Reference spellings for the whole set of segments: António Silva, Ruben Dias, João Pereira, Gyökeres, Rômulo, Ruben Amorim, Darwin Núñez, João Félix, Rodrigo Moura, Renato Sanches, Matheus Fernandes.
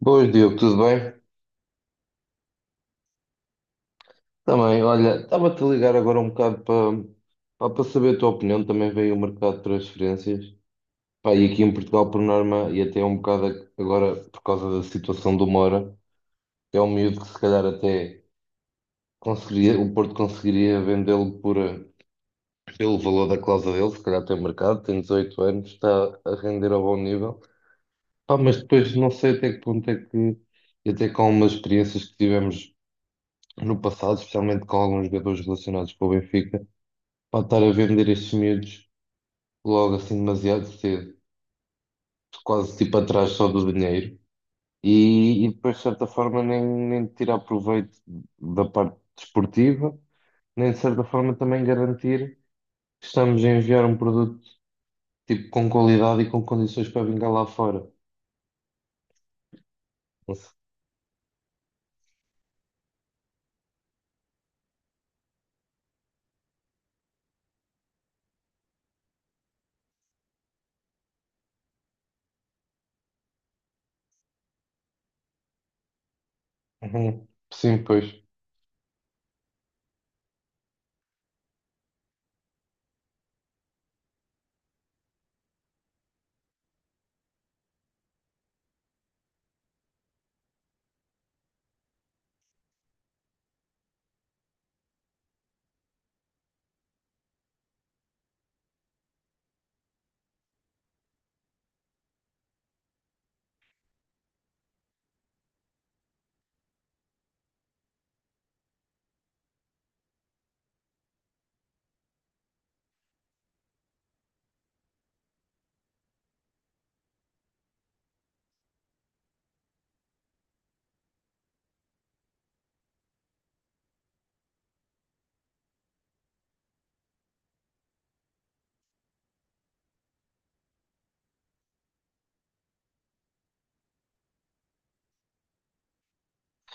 Boas, Diogo, tudo bem? Também, olha, estava-te a ligar agora um bocado para para saber a tua opinião. Também veio o mercado de transferências. Pá, e aqui em Portugal, por norma, e até um bocado agora por causa da situação do Moura é um miúdo que se calhar até conseguiria, o Porto conseguiria vendê-lo por, pelo valor da cláusula dele. Se calhar tem mercado, tem 18 anos, está a render a bom nível. Pá, mas depois não sei até que ponto é que, e até com umas experiências que tivemos no passado, especialmente com alguns jogadores relacionados com o Benfica, para estar a vender estes miúdos logo assim demasiado cedo, quase tipo atrás só do dinheiro, e depois de certa forma nem tirar proveito da parte desportiva, nem de certa forma também garantir que estamos a enviar um produto tipo com qualidade e com condições para vingar lá fora. Não sei. Uhum. Sim, pois.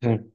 Sim.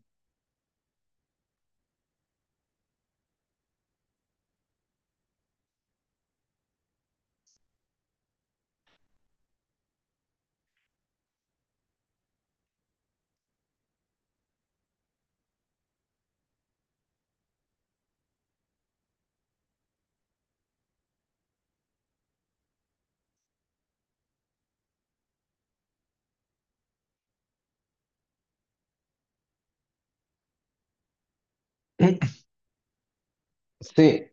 Sim,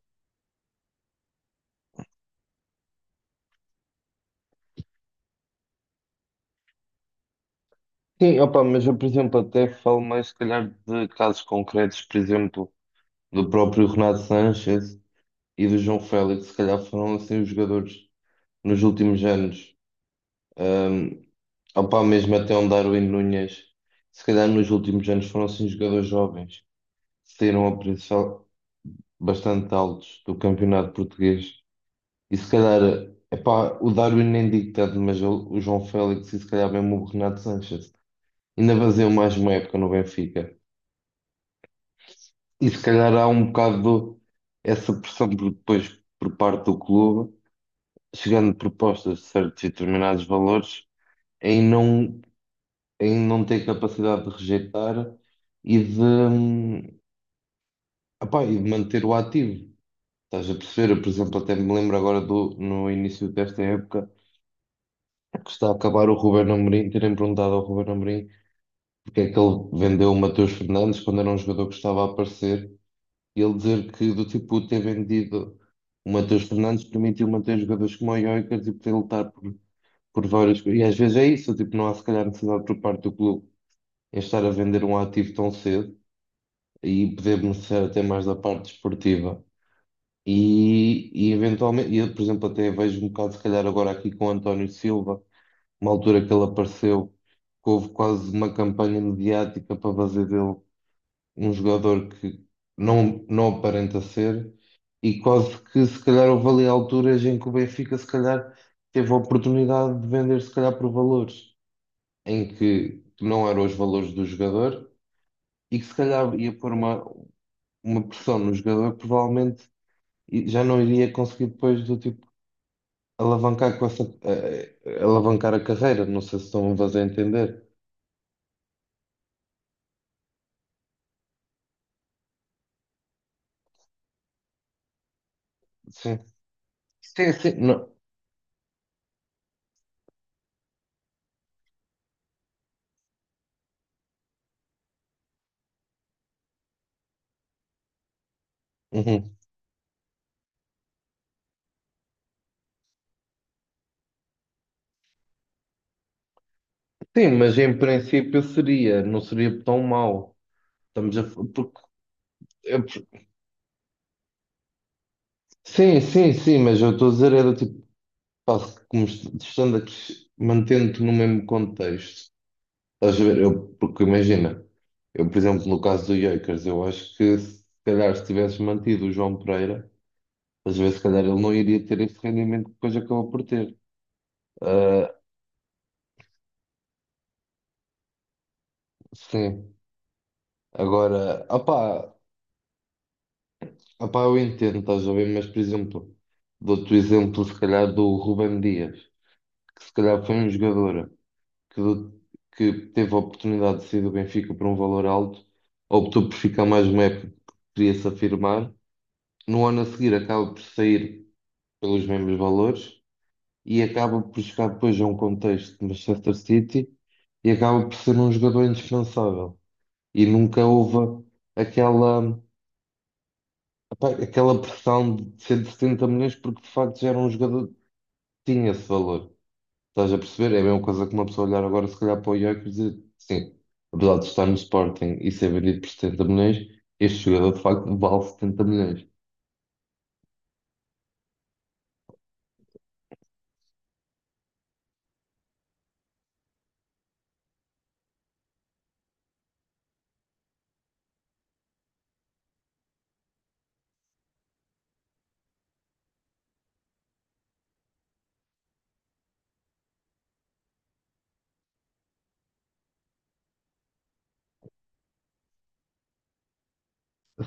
sim, opa, mas eu, por exemplo, até falo mais, se calhar, de casos concretos, por exemplo, do próprio Renato Sanches e do João Félix, se calhar foram assim os jogadores nos últimos anos. Um, opá, mesmo até um Darwin Núñez, se calhar nos últimos anos foram assim jogadores jovens, que saíram a preços al- bastante altos do campeonato português. E se calhar, epá, o Darwin nem digo tanto, mas o João Félix e se calhar mesmo o Renato Sanches ainda faziam mais uma época no Benfica. E se calhar há um bocado essa depois por parte do clube chegando propostas de certos e determinados valores, é em não, é em não ter capacidade de rejeitar e de, epá, e de manter o ativo. Estás a perceber? Eu, por exemplo, até me lembro agora no início desta época que está a acabar o Ruben Amorim, terem perguntado ao Ruben Amorim porque é que ele vendeu o Matheus Fernandes quando era um jogador que estava a aparecer, e ele dizer que do tipo ter vendido o Matheus Fernandes permitiu manter jogadores como o Jokers e poder lutar por várias coisas. E às vezes é isso, tipo, não há se calhar necessidade por parte do clube em estar a vender um ativo tão cedo e poder beneficiar até mais da parte desportiva. E eventualmente, e eu, por exemplo, até vejo um bocado, se calhar, agora aqui com o António Silva, uma altura que ele apareceu, que houve quase uma campanha mediática para fazer dele um jogador que não aparenta ser, e quase que, se calhar, houve ali alturas em que o Benfica, se calhar, teve a oportunidade de vender, se calhar, por valores em que não eram os valores do jogador e que se calhar ia pôr uma pressão no jogador, provavelmente e já não iria conseguir depois do tipo alavancar com essa eh, eh, alavancar a carreira. Não sei se estão a fazer entender. Sim, sim, sim, não. Uhum. Sim, mas em princípio seria, não seria tão mau. Estamos a, f- porque, é por- Sim, sim, sim, mas eu estou a dizer era tipo, pá, estando aqui, mantendo-te no mesmo contexto. Estás a ver? Eu, porque imagina, eu, por exemplo, no caso do Jokers, eu acho que se calhar se tivesse mantido o João Pereira, às vezes se calhar ele não iria ter esse rendimento que depois acabou por ter. Ah, sim. Agora, opá, eu entendo, estás a ver? Mas, por exemplo, dou-te o exemplo, se calhar, do Ruben Dias, que se calhar foi um jogador que, do- que teve a oportunidade de sair do Benfica por um valor alto, optou por ficar mais uma época porque queria se afirmar. No ano a seguir acaba por sair pelos mesmos valores e acaba por chegar depois a um contexto de Manchester City e acaba por ser um jogador indispensável. E nunca houve aquela, epá, aquela pressão de 170 milhões porque de facto já era um jogador que tinha esse valor. Estás a perceber? É a mesma coisa que uma pessoa olhar agora se calhar para o Gyökeres e dizer, sim, apesar de estar no Sporting e ser vendido por 70 milhões, este jogador de facto vale 70 milhões.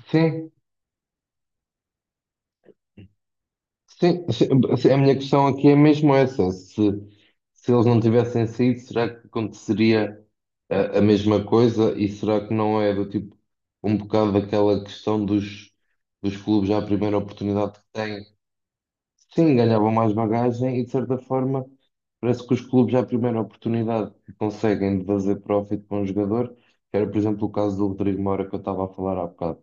Sim, Sim, a minha questão aqui é mesmo essa. Se eles não tivessem saído, será que aconteceria a mesma coisa? E será que não é do tipo um bocado daquela questão dos clubes à primeira oportunidade que têm? Sim, ganhavam mais bagagem e de certa forma parece que os clubes à primeira oportunidade que conseguem de fazer profit com o jogador, que era por exemplo o caso do Rodrigo Moura que eu estava a falar há bocado.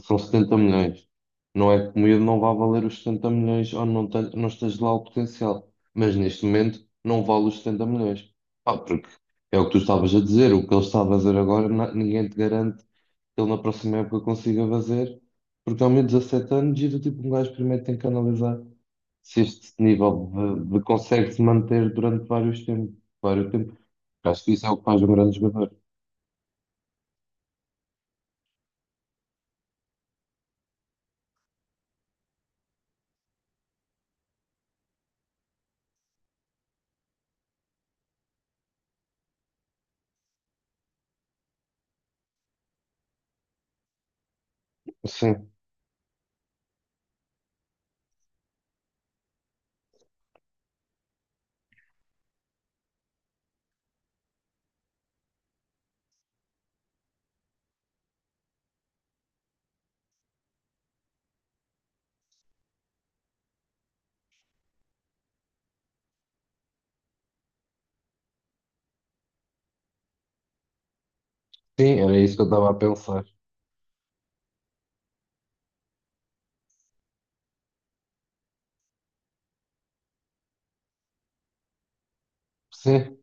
São 70 milhões. Não é que o miúdo não vá valer os 70 milhões ou não, não esteja lá o potencial. Mas neste momento não vale os 70 milhões. Ah, porque é o que tu estavas a dizer, o que ele está a fazer agora, ninguém te garante que ele na próxima época consiga fazer, porque ao de 17 anos e do tipo um gajo primeiro tem que analisar se este nível de consegue se manter durante vários tempos, vários tempos. Acho que isso é o que faz um grande jogador. Sim, sim, era isso que eu estava a pensar. Sim.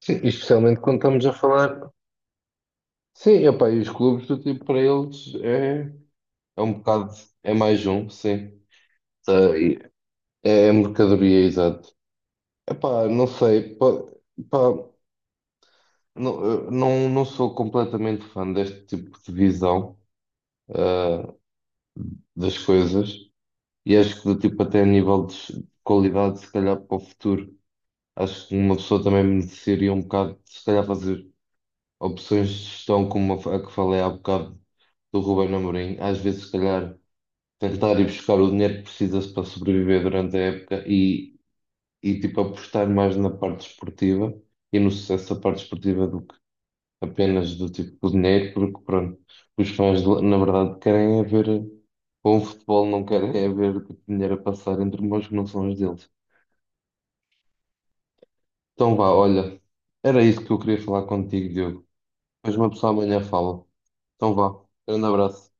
Sim, especialmente quando estamos a falar. Sim, epá, e os clubes do tipo para eles é, é um bocado, é mais um, sim. Tá, e é, é mercadoria, exato. Epá, não sei, pá, não, eu não, não sou completamente fã deste tipo de visão, ah, das coisas e acho que do tipo até a nível de qualidade, se calhar para o futuro, acho que uma pessoa também mereceria um bocado, se calhar fazer opções de gestão como a que falei há bocado do Ruben Amorim. Às vezes, se calhar, tentar ir buscar o dinheiro que precisa-se para sobreviver durante a época e tipo, apostar mais na parte esportiva e no sucesso da parte esportiva do que apenas do tipo do dinheiro, porque pronto, os fãs, na verdade, querem é ver bom futebol, não querem é ver tipo, dinheiro a passar entre mãos que não são as deles. Então vá, olha, era isso que eu queria falar contigo, Diogo. Depois uma pessoa amanhã fala. Então vá, grande abraço.